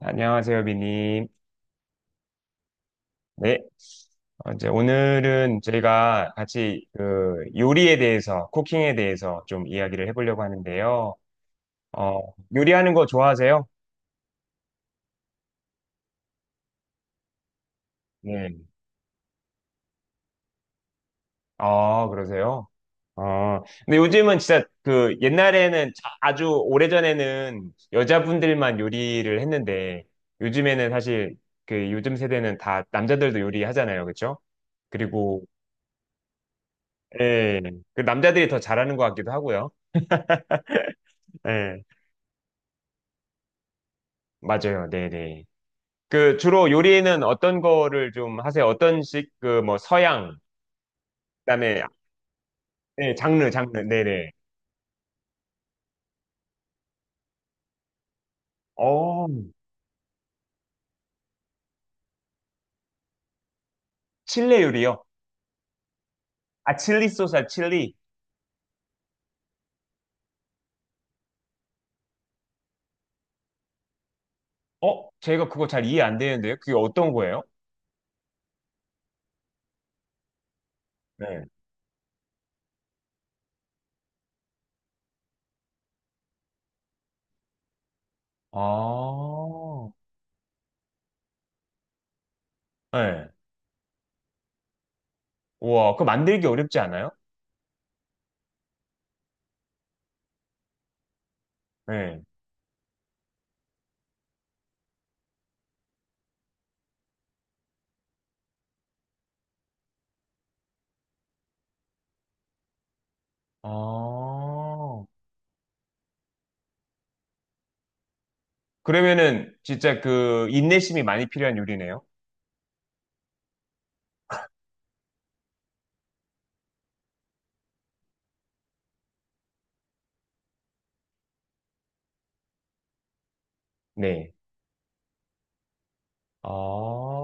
안녕하세요, 비님. 네. 이제 오늘은 저희가 같이 그 요리에 대해서, 쿠킹에 대해서 좀 이야기를 해보려고 하는데요. 어, 요리하는 거 좋아하세요? 네. 아, 그러세요? 근데 요즘은 진짜 그 옛날에는 아주 오래전에는 여자분들만 요리를 했는데 요즘에는 사실 그 요즘 세대는 다 남자들도 요리하잖아요. 그렇죠? 그리고 예, 그 남자들이 더 잘하는 것 같기도 하고요. 예. 맞아요. 네네. 그 주로 요리는 어떤 거를 좀 하세요? 어떤 식, 그 뭐 서양, 그다음에 네, 장르. 네네. 어, 칠레 요리요? 아, 칠리 소스, 아, 칠리. 어, 제가 그거 잘 이해 안 되는데요. 그게 어떤 거예요? 네. 아, 네. 우와, 그거 만들기 어렵지 않아요? 네. 아, 그러면은 진짜 그 인내심이 많이 필요한 요리네요. 네. 아,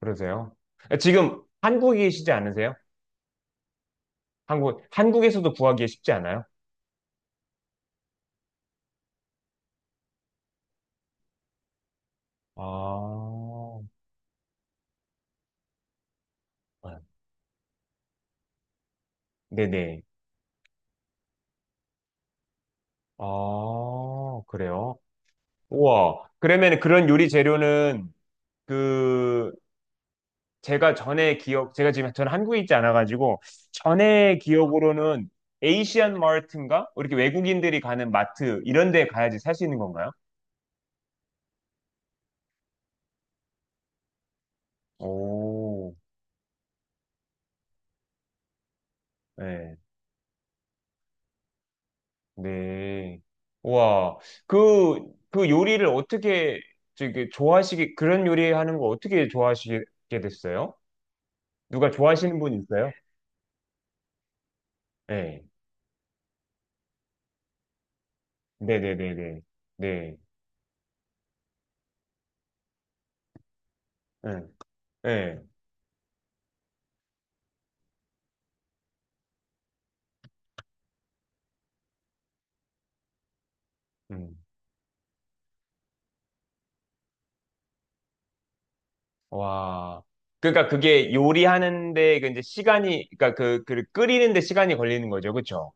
그러세요? 지금 한국이시지 않으세요? 한국, 한국에서도 구하기에 쉽지 않아요? 아, 네. 네네. 아, 그래요? 우와. 그러면 그런 요리 재료는 그 제가 전에 기억, 제가 지금 저는 한국에 있지 않아가지고 전에 기억으로는 에이시안 마트인가? 이렇게 외국인들이 가는 마트 이런 데 가야지 살 수 있는 건가요? 오, 네. 네. 와, 그, 그 요리를 어떻게, 저기, 좋아하시게, 그런 요리 하는 거 어떻게 좋아하시게 됐어요? 누가 좋아하시는 분 있어요? 네. 네네네네. 네. 네. 네. 음. 와. 그러니까 그게 요리하는데 그 이제 시간이, 그러니까 그, 그 끓이는데 시간이 걸리는 거죠. 그쵸?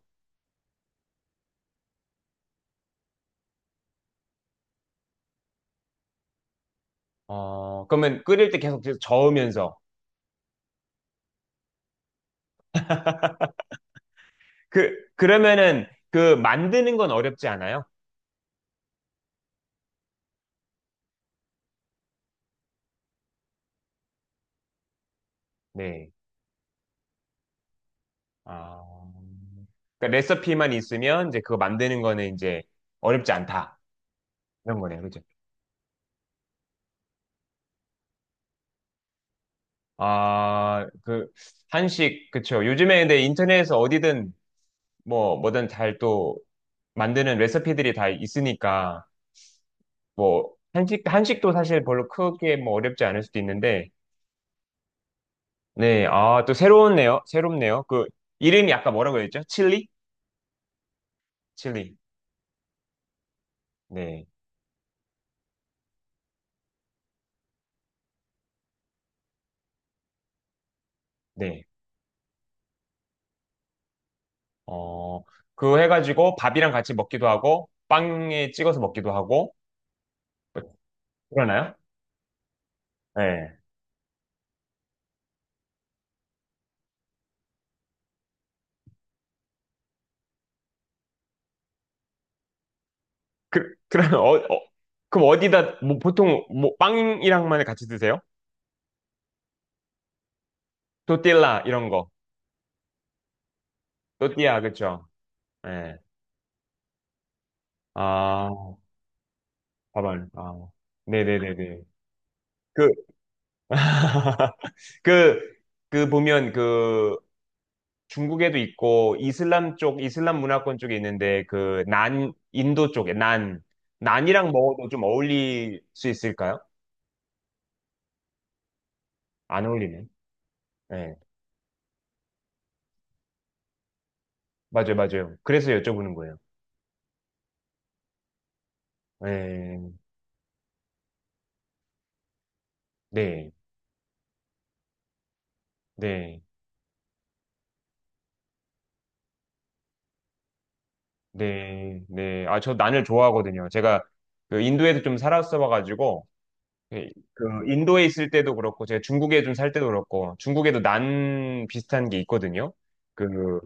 어, 그러면 끓일 때 계속 저으면서. 그, 그러면은 그 만드는 건 어렵지 않아요? 네. 아, 그러니까 레시피만 있으면 이제 그거 만드는 거는 이제 어렵지 않다. 이런 거네요. 그죠? 아, 그, 한식, 그쵸. 요즘에 근데 인터넷에서 어디든 뭐, 뭐든 잘 또 만드는 레시피들이 다 있으니까, 뭐, 한식도 사실 별로 크게 뭐 어렵지 않을 수도 있는데, 네, 아, 또 새로운네요. 새롭네요. 그, 이름이 아까 뭐라고 했죠? 칠리? 칠리. 네, 네. 어, 그거 해가지고 밥이랑 같이 먹기도 하고, 빵에 찍어서 먹기도 하고, 뭐 그러나요? 네. 그, 그러면, 그럼 어디다, 뭐, 보통, 뭐, 빵이랑만 같이 드세요? 또띠라, 이런 거. 또띠아, 그쵸? 네. 아, 밥알, 아. 네네네네. 그, 그, 그 보면 그 중국에도 있고 이슬람 쪽 이슬람 문화권 쪽에 있는데 그 난 인도 쪽에 난 난이랑 먹어도 좀 어울릴 수 있을까요? 안 어울리네. 네. 맞아요, 맞아요. 그래서 여쭤보는 거예요. 네, 네, 네, 네, 네. 아, 저 난을 좋아하거든요. 제가 그 인도에도 좀 살았어봐가지고 예, 그 인도에 있을 때도 그렇고 제가 중국에 좀 살 때도 그렇고 중국에도 난 비슷한 게 있거든요. 그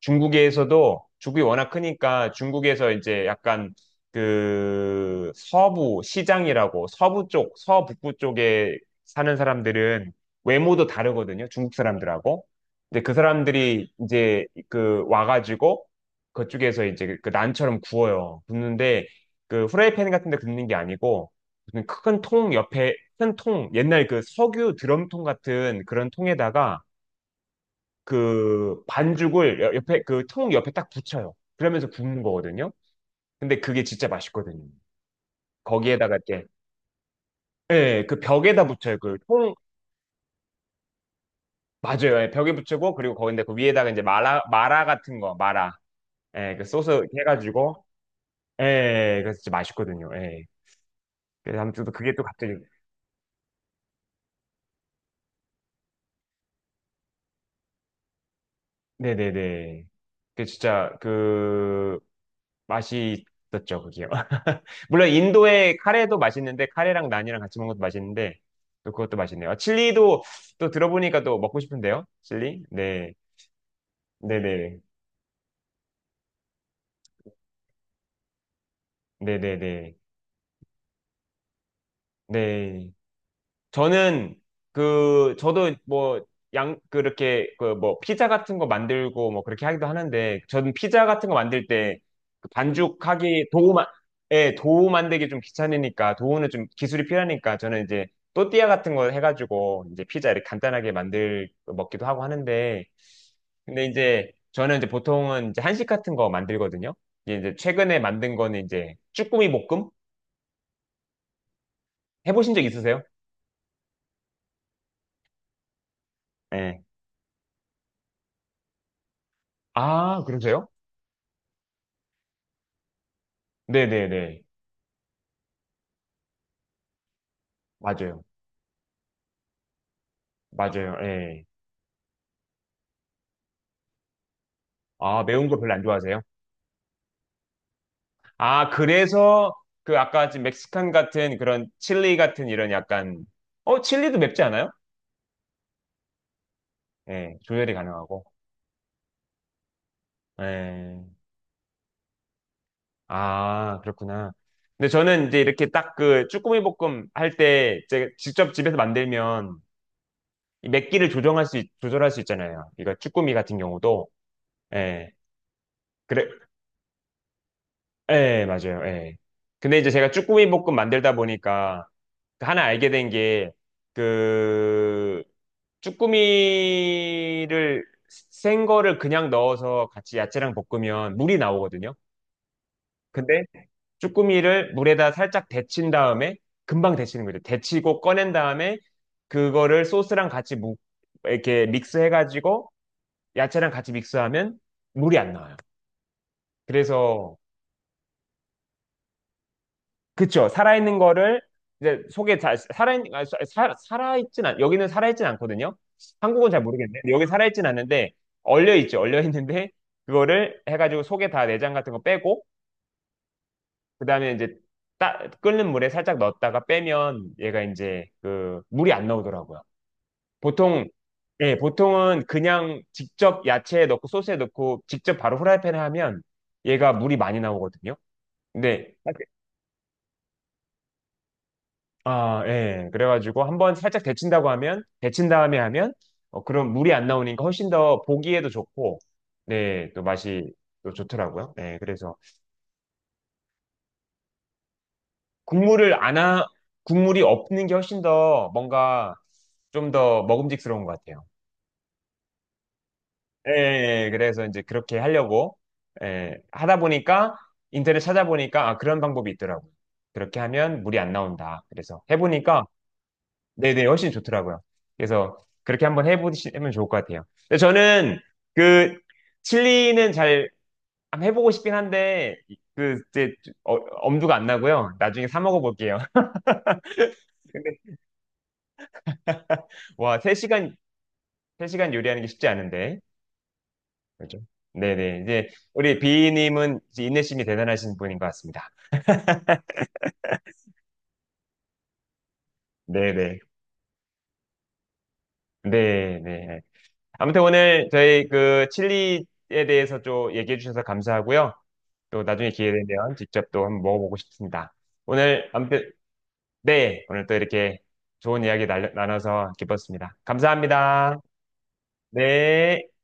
중국에서도 중국이 워낙 크니까 중국에서 이제 약간 그 서부 시장이라고 서부 쪽, 서북부 쪽에 사는 사람들은 외모도 다르거든요. 중국 사람들하고. 근데 그 사람들이 이제 그 와가지고 그쪽에서 이제 그 난처럼 구워요. 굽는데 그 후라이팬 같은 데 굽는 게 아니고 큰 통 옆에 큰 통, 옛날 그 석유 드럼통 같은 그런 통에다가 그 반죽을 옆에 그 통 옆에 딱 붙여요. 그러면서 굽는 거거든요. 근데 그게 진짜 맛있거든요. 거기에다가 이렇게 예, 그 벽에다 붙여요. 그 통 맞아요. 예, 벽에 붙이고 그리고 거기다 그 위에다가 이제 마라 마라 같은 거 마라 예, 그 소스 이렇게 해가지고 예, 예, 그래서 진짜 맛있거든요. 예. 그래서 아무튼 또 그게 또 갑자기 네네네. 그 진짜 그 맛있었죠, 그게요. 물론 인도의 카레도 맛있는데 카레랑 난이랑 같이 먹는 것도 맛있는데 또 그것도 맛있네요. 아, 칠리도 또 들어보니까 또 먹고 싶은데요. 칠리? 네. 네네. 네네네. 네. 저는 그 저도 뭐 양 그렇게 그 뭐 피자 같은 거 만들고 뭐 그렇게 하기도 하는데 저는 피자 같은 거 만들 때그 반죽하기 도우 만 예, 도우 만들기 좀 귀찮으니까 도우는 좀 기술이 필요하니까 저는 이제 또띠아 같은 거 해가지고 이제 피자 이렇게 간단하게 만들 먹기도 하고 하는데 근데 이제 저는 이제 보통은 이제 한식 같은 거 만들거든요. 이제 최근에 만든 거는 이제 쭈꾸미 볶음 해보신 적 있으세요? 예. 아, 그러세요? 네네네. 맞아요. 맞아요. 예. 아, 매운 거 별로 안 좋아하세요? 아, 그래서 그 아까 지금 멕시칸 같은 그런 칠리 같은 이런 약간 어, 칠리도 맵지 않아요? 예. 조절이 가능하고. 예. 아, 그렇구나. 근데 저는 이제 이렇게 딱 그 쭈꾸미 볶음 할 때 제가 직접 집에서 만들면 이 맵기를 조절할 수 있잖아요. 이거 쭈꾸미 같은 경우도. 예. 그래, 예, 맞아요. 예. 근데 이제 제가 쭈꾸미 볶음 만들다 보니까 그 하나 알게 된 게, 그, 쭈꾸미를, 생 거를 그냥 넣어서 같이 야채랑 볶으면 물이 나오거든요. 근데 쭈꾸미를 물에다 살짝 데친 다음에, 금방 데치는 거죠. 데치고 꺼낸 다음에, 그거를 소스랑 같이 무, 이렇게 믹스해가지고, 야채랑 같이 믹스하면 물이 안 나와요. 그래서, 그쵸. 살아있는 거를 이제 속에 잘 살아 아, 살아있진 않 여기는 살아있진 않거든요. 한국은 잘 모르겠네. 여기 살아있진 않는데 얼려 있죠. 얼려 있는데 그거를 해가지고 속에 다 내장 같은 거 빼고 그다음에 이제 따, 끓는 물에 살짝 넣었다가 빼면 얘가 이제 그 물이 안 나오더라고요. 보통 예, 보통은 그냥 직접 야채에 넣고 소스에 넣고 직접 바로 후라이팬에 하면 얘가 물이 많이 나오거든요. 근데 아, 예. 그래가지고 한번 살짝 데친다고 하면, 데친 다음에 하면, 어, 그럼 물이 안 나오니까 훨씬 더 보기에도 좋고, 네, 또 맛이 또 좋더라고요. 네, 그래서 국물을 안 하, 국물이 없는 게 훨씬 더 뭔가 좀 더 먹음직스러운 것 같아요. 예, 예, 예. 그래서 이제 그렇게 하려고, 예, 하다 보니까, 인터넷 찾아보니까, 아, 그런 방법이 있더라고요. 그렇게 하면 물이 안 나온다. 그래서 해보니까, 네네, 훨씬 좋더라고요. 그래서 그렇게 한번 해보시면 좋을 것 같아요. 근데 저는 그 칠리는 잘 한번 해보고 싶긴 한데 그 이제 어- 엄두가 안 나고요. 나중에 사 먹어볼게요. 근데 와, 3시간, 세시간 요리하는 게 쉽지 않은데. 그렇죠? 네네. 이제 우리 비님은 이제 인내심이 대단하신 분인 것 같습니다. 네네. 네네. 아무튼 오늘 저희 그 칠리에 대해서 좀 얘기해 주셔서 감사하고요. 또 나중에 기회 되면 직접 또 한번 먹어보고 싶습니다. 오늘 아무튼 네, 오늘 또 이렇게 좋은 이야기 나눠서 기뻤습니다. 감사합니다. 네.